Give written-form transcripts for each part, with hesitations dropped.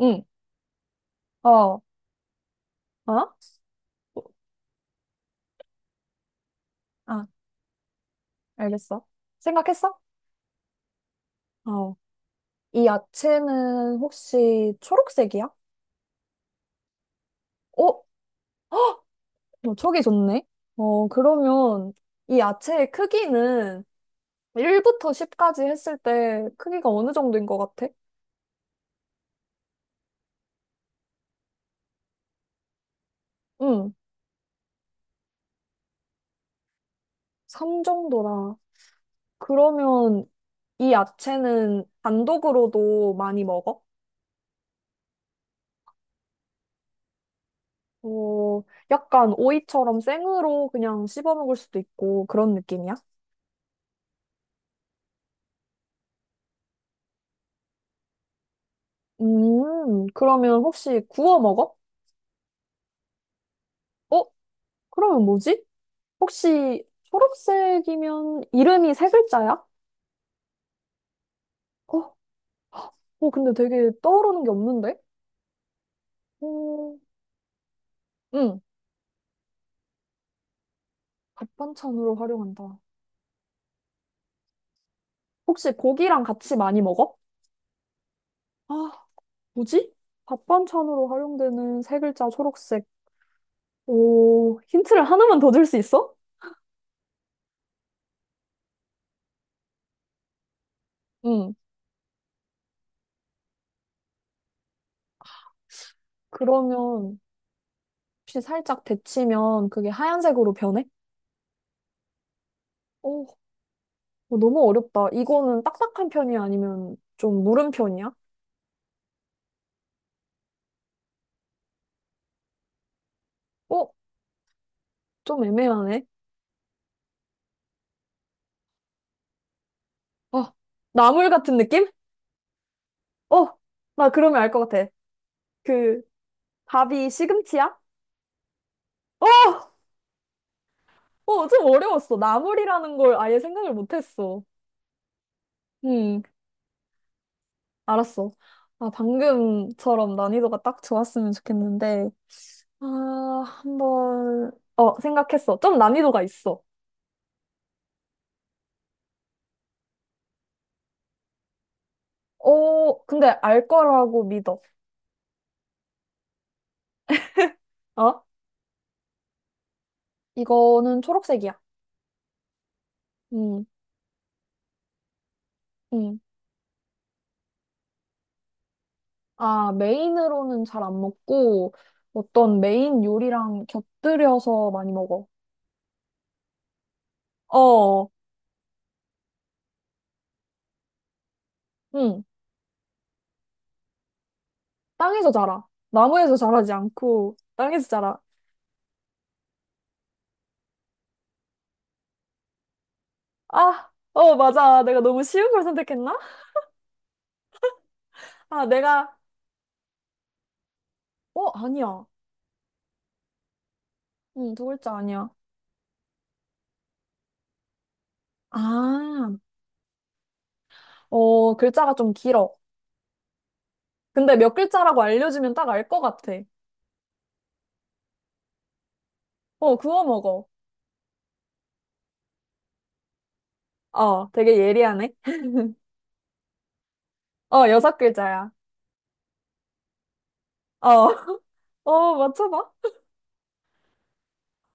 응, 어? 아, 알겠어. 생각했어? 어. 이 야채는 혹시 초록색이야? 어? 헉! 너이 좋네? 어, 그러면 이 야채의 크기는 1부터 10까지 했을 때 크기가 어느 정도인 것 같아? 응, 3 정도라. 그러면 이 야채는 단독으로도 많이 먹어? 어, 약간 오이처럼 생으로 그냥 씹어 먹을 수도 있고 그런 느낌이야? 그러면 혹시 구워 먹어? 어? 그러면 뭐지? 혹시 초록색이면 이름이 세 글자야? 어, 어, 근데 되게 떠오르는 게 없는데? 음, 응, 밥반찬으로 활용한다. 혹시 고기랑 같이 많이 먹어? 아, 뭐지? 밥반찬으로 활용되는 세 글자 초록색. 오, 힌트를 하나만 더 줄 수 있어? 응, 그러면 혹시 살짝 데치면 그게 하얀색으로 변해? 어, 어, 너무 어렵다. 이거는 딱딱한 편이야? 아니면 좀 무른 편이야? 어? 좀 애매하네. 어, 나물 같은 느낌? 어, 나 그러면 알 것 같아. 그, 답이 시금치야? 어! 어, 좀 어려웠어. 나물이라는 걸 아예 생각을 못했어. 음, 알았어. 아, 방금처럼 난이도가 딱 좋았으면 좋겠는데. 아, 한번, 어, 생각했어. 좀 난이도가 있어. 어, 근데 알 거라고 믿어. 어? 이거는 초록색이야. 음. 응. 아, 메인으로는 잘 안 먹고, 어떤 메인 요리랑 곁들여서 많이 먹어. 어, 응. 땅에서 자라. 나무에서 자라지 않고, 땅에서 자라. 아, 어, 맞아. 내가 너무 쉬운 걸 선택했나? 아, 내가, 어, 아니야. 응, 두 글자 아니야. 아, 어, 글자가 좀 길어. 근데 몇 글자라고 알려주면 딱 알 것 같아. 어, 구워 먹어. 어, 되게 예리하네. 어, 여섯 글자야. 어, 어, 맞춰봐.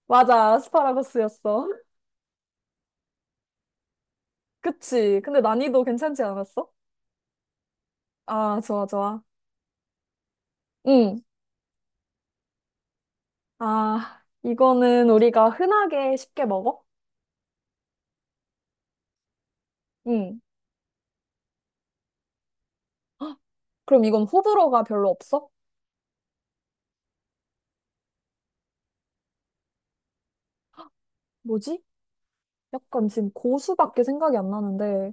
맞아, 아스파라거스였어. 그치. 근데 난이도 괜찮지 않았어? 아, 좋아, 좋아. 응. 아, 이거는 우리가 흔하게 쉽게 먹어? 응. 헉, 그럼 이건 호불호가 별로 없어? 뭐지? 약간 지금 고수밖에 생각이 안 나는데,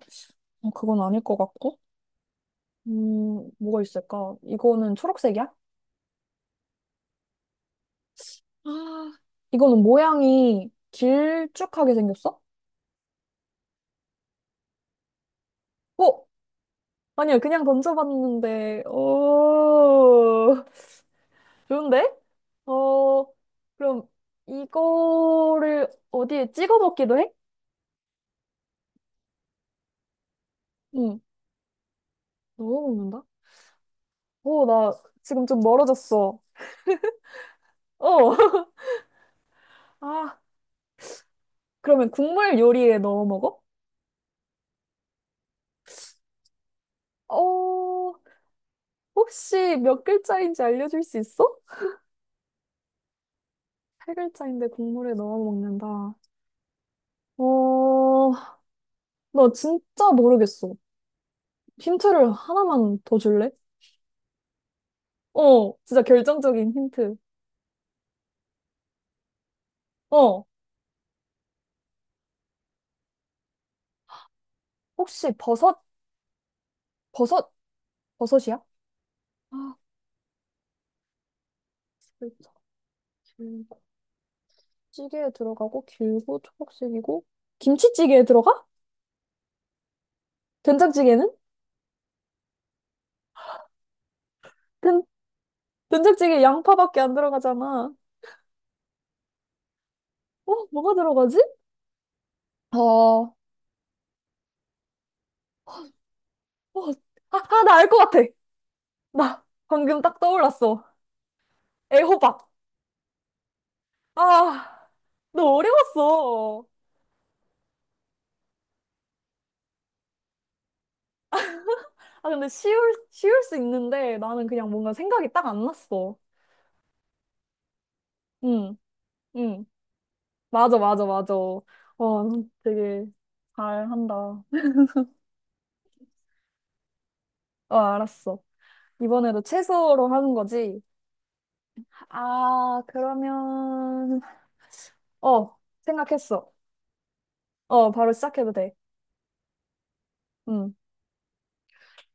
어, 그건 아닐 것 같고. 뭐가 있을까? 이거는 초록색이야? 아, 이거는 모양이 길쭉하게 생겼어? 어? 아니야, 그냥 던져봤는데, 오, 좋은데? 어, 그럼 이거를 어디에 찍어 먹기도 해? 응, 너무 먹는다? 오, 나 지금 좀 멀어졌어. 어. 아, 그러면 국물 요리에 넣어 먹어? 어, 혹시 몇 글자인지 알려줄 수 있어? 팔 글자인데 국물에 넣어 먹는다. 어, 나 진짜 모르겠어. 힌트를 하나만 더 줄래? 어, 진짜 결정적인 힌트. 어, 혹시 버섯, 버섯이야? 아, 진짜. 찌개에 들어가고 길고 초록색이고 김치찌개에 들어가? 된장찌개는? 된, 된장찌개 양파밖에 안 들어가잖아. 어, 뭐가 들어가지? 어, 어, 아, 나 알 것 같아. 나 방금 딱 떠올랐어. 애호박. 아, 너 어려웠어. 아, 근데 쉬울 수 있는데 나는 그냥 뭔가 생각이 딱 안 났어. 응, 응. 맞아, 맞아, 맞아. 와, 되게 잘한다. 어, 알았어. 이번에도 채소로 하는 거지? 아, 그러면, 어, 생각했어. 어, 바로 시작해도 돼. 음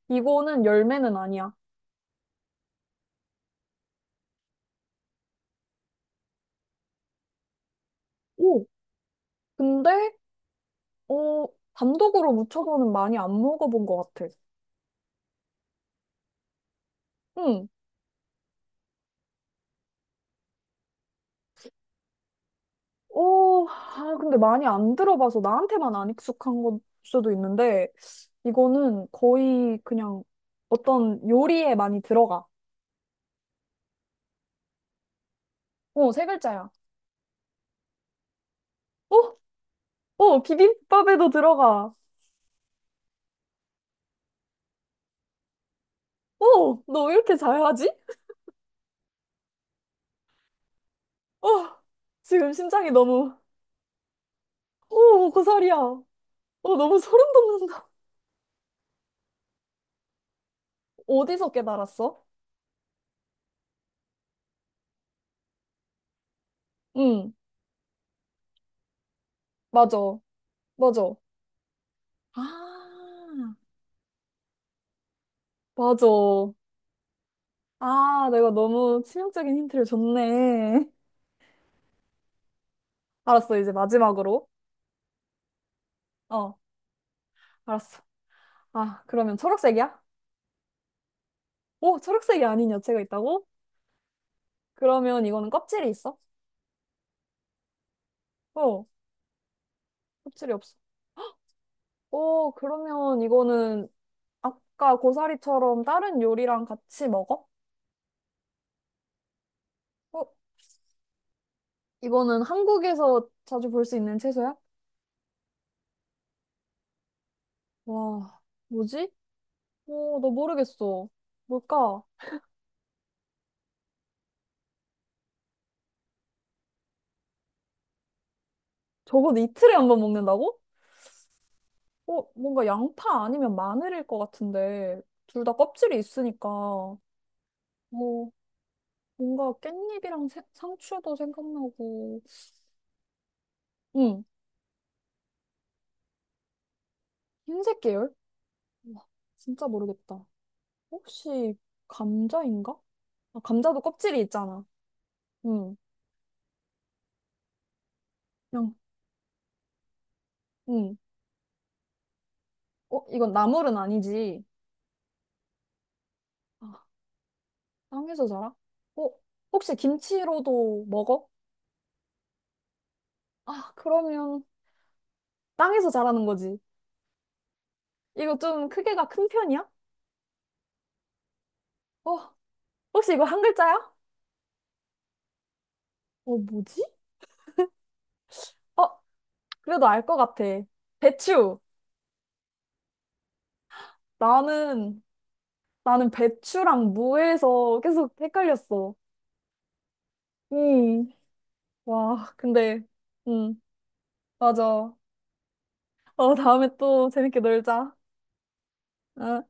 이거는 열매는 아니야. 오, 근데, 어, 단독으로 무쳐서는 많이 안 먹어본 것 같아. 응. 오, 아, 근데 많이 안 들어봐서 나한테만 안 익숙한 걸 수도 있는데, 이거는 거의 그냥 어떤 요리에 많이 들어가. 어, 세 글자야. 어, 어, 비빔밥에도 들어가. 어, 너 왜 이렇게 잘하지? 어, 지금 심장이 너무 오, 고사리야. 어, 너무 소름 돋는다. 어디서 깨달았어? 응, 맞아, 맞아. 아, 맞아. 아, 내가 너무 치명적인 힌트를 줬네. 알았어, 이제 마지막으로. 어, 알았어. 아, 그러면 초록색이야? 오, 초록색이 아닌 야채가 있다고? 그러면 이거는 껍질이 있어? 어, 껍질이 없어. 오, 그러면 이거는 아까 고사리처럼 다른 요리랑 같이 먹어? 어, 이거는 한국에서 자주 볼 수 있는 채소야? 와, 뭐지? 어, 나 모르겠어. 뭘까? 저걸 이틀에 한 번 먹는다고? 어, 뭔가 양파 아니면 마늘일 것 같은데, 둘 다 껍질이 있으니까, 어, 뭔가 깻잎이랑 새- 상추도 생각나고, 응, 흰색 계열? 와, 진짜 모르겠다. 혹시 감자인가? 아, 감자도 껍질이 있잖아. 응, 그냥, 응. 어, 이건 나물은 아니지. 아, 땅에서 자라? 어, 혹시 김치로도 먹어? 아, 그러면 땅에서 자라는 거지. 이거 좀 크기가 큰 편이야? 어, 혹시 이거 한 글자야? 어, 뭐지? 어, 그래도 알 것 같아. 배추. 나는, 나는 배추랑 무에서 계속 헷갈렸어. 음, 와, 근데, 음, 맞아. 어, 다음에 또 재밌게 놀자. 어.